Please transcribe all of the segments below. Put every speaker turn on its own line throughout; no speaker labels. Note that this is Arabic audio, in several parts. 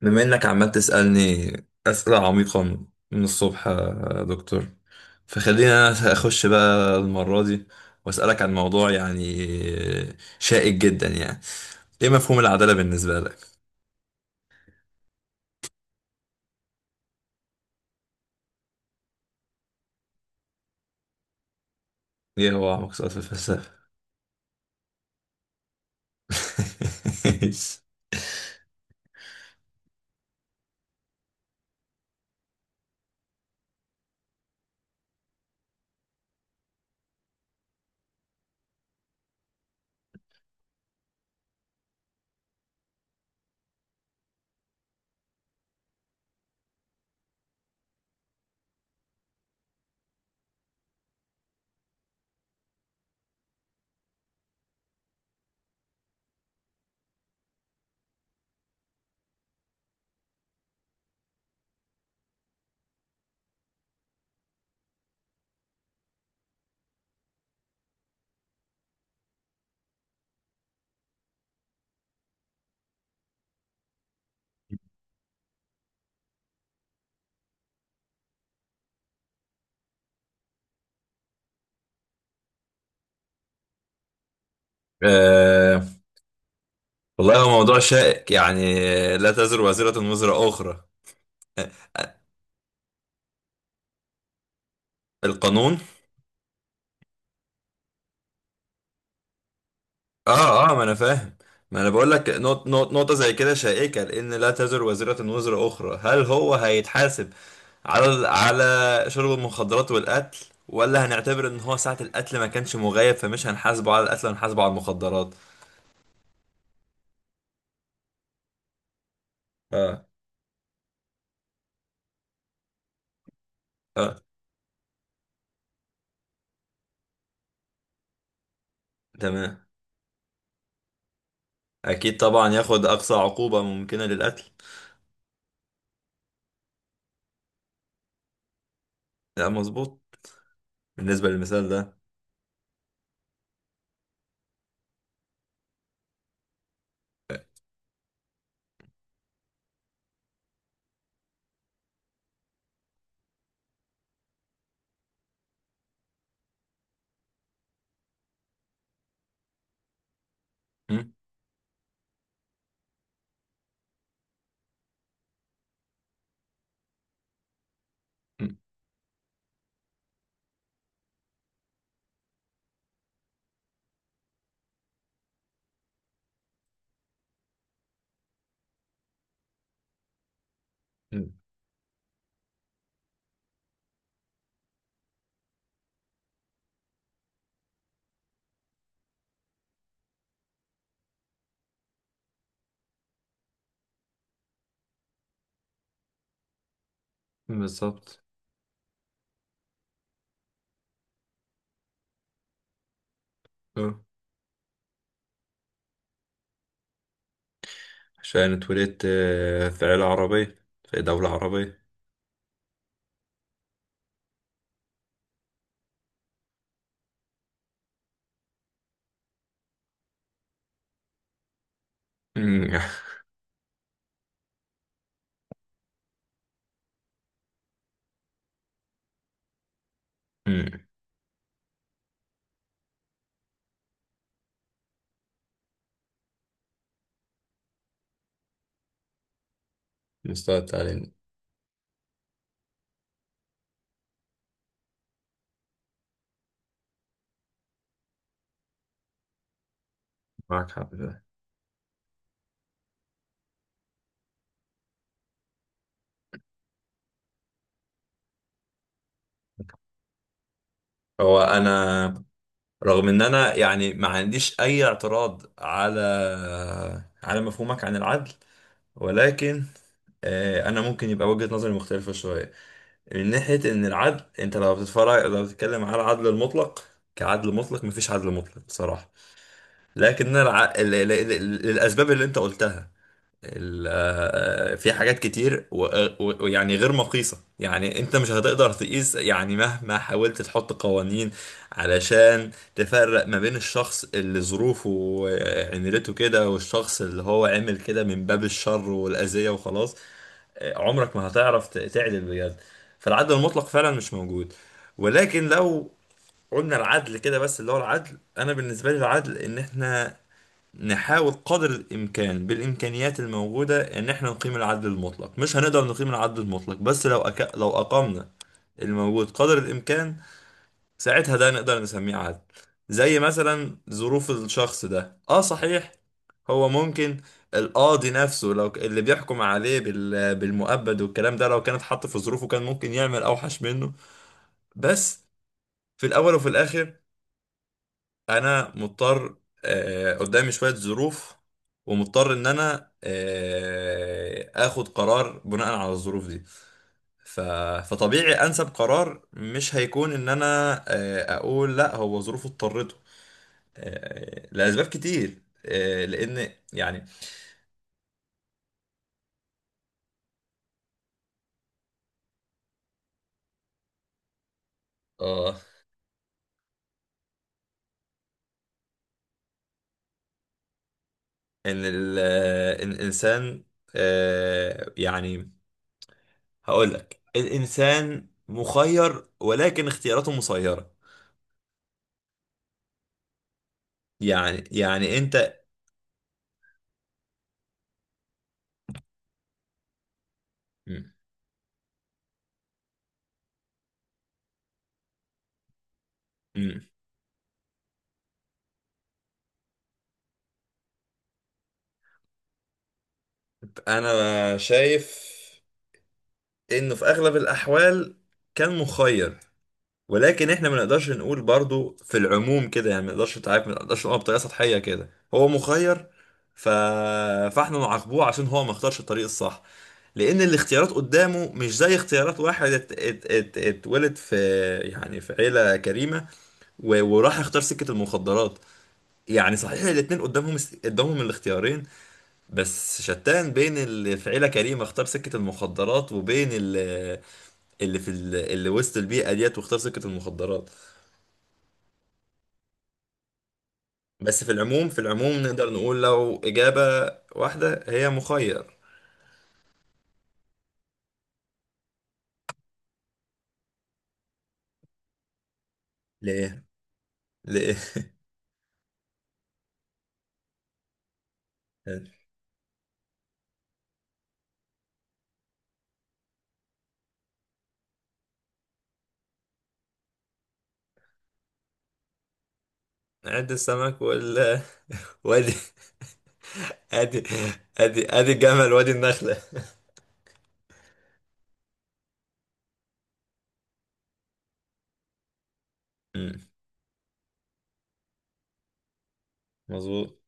بما انك عمال تسألني أسئلة عميقة من الصبح يا دكتور، فخلينا انا اخش بقى المرة دي واسألك عن موضوع يعني شائك جدا، يعني ايه مفهوم العدالة بالنسبة لك؟ ايه هو اعمق سؤال في الفلسفة؟ آه، والله هو موضوع شائك يعني. لا تزر وازرة وزر أخرى. آه، آه، القانون. اه اه، ما انا فاهم. ما انا بقول لك نقطة زي كده شائكة، لان لا تزر وازرة وزر اخرى. هل هو هيتحاسب على شرب المخدرات والقتل، ولا هنعتبر ان هو ساعة القتل ما كانش مغيب فمش هنحاسبه على القتل هنحاسبه على المخدرات؟ اه اه، تمام. اكيد طبعا ياخد اقصى عقوبة ممكنة للقتل. لا، مظبوط، بالنسبة للمثال ده. م- م- م- بالظبط. آه. عشان اتولدت في عيلة عربية في دولة عربية. مم. امم. مستوى التعليم. معاك حق في ده. هو انا، رغم ان انا يعني ما عنديش اي اعتراض على مفهومك عن العدل، ولكن انا ممكن يبقى وجهة نظري مختلفة شوية، من ناحية ان العدل، انت لو بتتكلم على العدل المطلق، كعدل مطلق، مفيش عدل مطلق بصراحة. لكن أنا الع... ال... ال... ال... الاسباب اللي انت قلتها، في حاجات كتير و- و- ويعني غير مقيسة، يعني انت مش هتقدر تقيس يعني مهما حاولت تحط قوانين علشان تفرق ما بين الشخص اللي ظروفه عملته كده، والشخص اللي هو عمل كده من باب الشر والأذية وخلاص. عمرك ما هتعرف تعدل بجد. فالعدل المطلق فعلا مش موجود. ولكن لو قلنا العدل كده بس، اللي هو العدل، انا بالنسبه لي العدل ان احنا نحاول قدر الإمكان بالإمكانيات الموجودة إن إحنا نقيم العدل المطلق، مش هنقدر نقيم العدل المطلق، بس لو أقمنا الموجود قدر الإمكان، ساعتها ده نقدر نسميه عدل. زي مثلا ظروف الشخص ده، صحيح، هو ممكن القاضي نفسه، اللي بيحكم عليه بالمؤبد والكلام ده، لو كان اتحط في ظروفه كان ممكن يعمل أوحش منه. بس في الأول وفي الآخر انا مضطر، قدامي شوية ظروف، ومضطر ان انا اخد قرار بناء على الظروف دي. ف... فطبيعي انسب قرار مش هيكون ان انا اقول لا، هو ظروفه اضطرته، لاسباب كتير، لان يعني. اه ان ال... آه، إن الانسان، يعني هقول لك، الانسان مخير ولكن اختياراته مسيرة. يعني انت. مم. انا شايف انه في اغلب الاحوال كان مخير، ولكن احنا ما نقدرش نقول برضو في العموم كده، يعني ما نقدرش نقول بطريقه سطحيه كده هو مخير. ف... فاحنا نعاقبوه عشان هو ما اختارش الطريق الصح، لان الاختيارات قدامه مش زي اختيارات واحد اتولد في، يعني، في عيله كريمه وراح اختار سكه المخدرات. يعني صحيح الاتنين قدامهم الاختيارين، بس شتان بين اللي في عيلة كريمة اختار سكة المخدرات وبين اللي اللي وسط البيئة ديت واختار سكة المخدرات. بس في العموم نقدر نقول، لو إجابة واحدة، هي مخير. ليه؟ ليه؟ عد السمك ولا وادي، ادي ادي الجمل وادي النخلة. مم. مظبوط.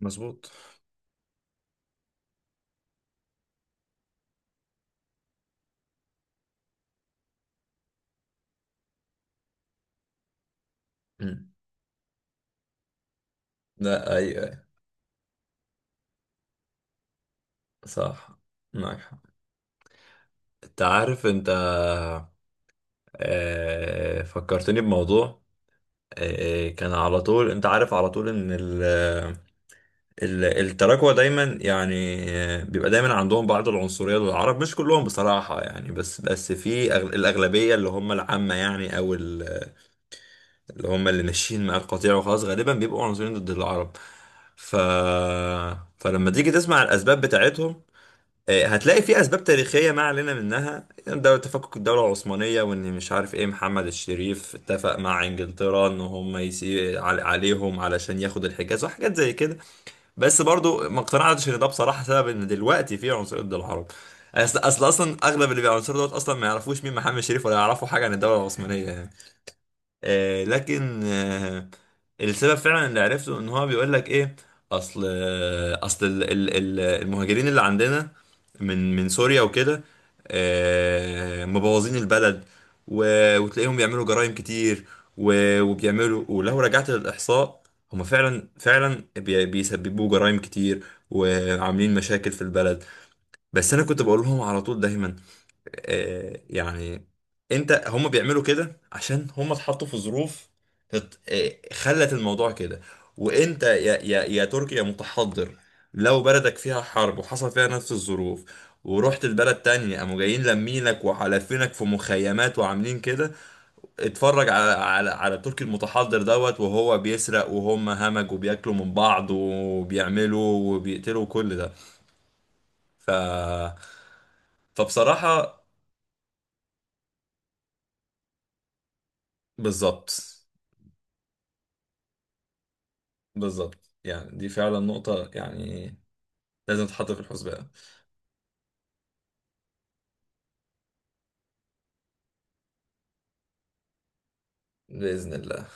مظبوط. مم. لا، ايوه، أيوة. صح. معك حق. انت عارف انت آه، فكرتني بموضوع، كان على طول، انت عارف على طول ان التراكوة دايما يعني بيبقى دايما عندهم بعض العنصرية للعرب، مش كلهم بصراحة يعني، بس في الأغلبية اللي هم العامة، يعني، أو اللي هم اللي ماشيين مع القطيع وخلاص غالبا بيبقوا عنصريين ضد العرب. ف فلما تيجي تسمع الأسباب بتاعتهم، هتلاقي في اسباب تاريخيه ما علينا منها، دوله تفكك الدوله العثمانيه وان مش عارف ايه محمد الشريف اتفق مع انجلترا ان هم يسي عليهم علشان ياخد الحجاز وحاجات زي كده، بس برضو ما اقتنعتش ان ده بصراحه سبب ان دلوقتي في عنصريه ضد العرب. اصلا اغلب اللي بيعنصروا دوت اصلا ما يعرفوش مين محمد الشريف، ولا يعرفوا حاجه عن الدوله العثمانيه يعني. لكن، السبب فعلا اللي عرفته ان هو بيقول لك ايه: اصل ال ال ال المهاجرين اللي عندنا من سوريا وكده، مبوظين البلد، وتلاقيهم بيعملوا جرائم كتير، و- وبيعملوا ولو رجعت للاحصاء هما فعلا فعلا بيسببوا جرائم كتير وعاملين مشاكل في البلد. بس انا كنت بقول لهم على طول دايما، يعني، انت، هم بيعملوا كده عشان هم اتحطوا في ظروف خلت الموضوع كده. وانت يا تركي، يا متحضر، لو بلدك فيها حرب وحصل فيها نفس الظروف ورحت البلد تانية قاموا جايين لمينك وحالفينك في مخيمات وعاملين كده، اتفرج على تركي المتحضر دوت وهو بيسرق، وهم همج وبياكلوا من بعض وبيعملوا وبيقتلوا كل ده. ف فبصراحة، بالظبط. بالظبط، يعني دي فعلا نقطة يعني لازم تتحط في الحسبان. بإذن الله.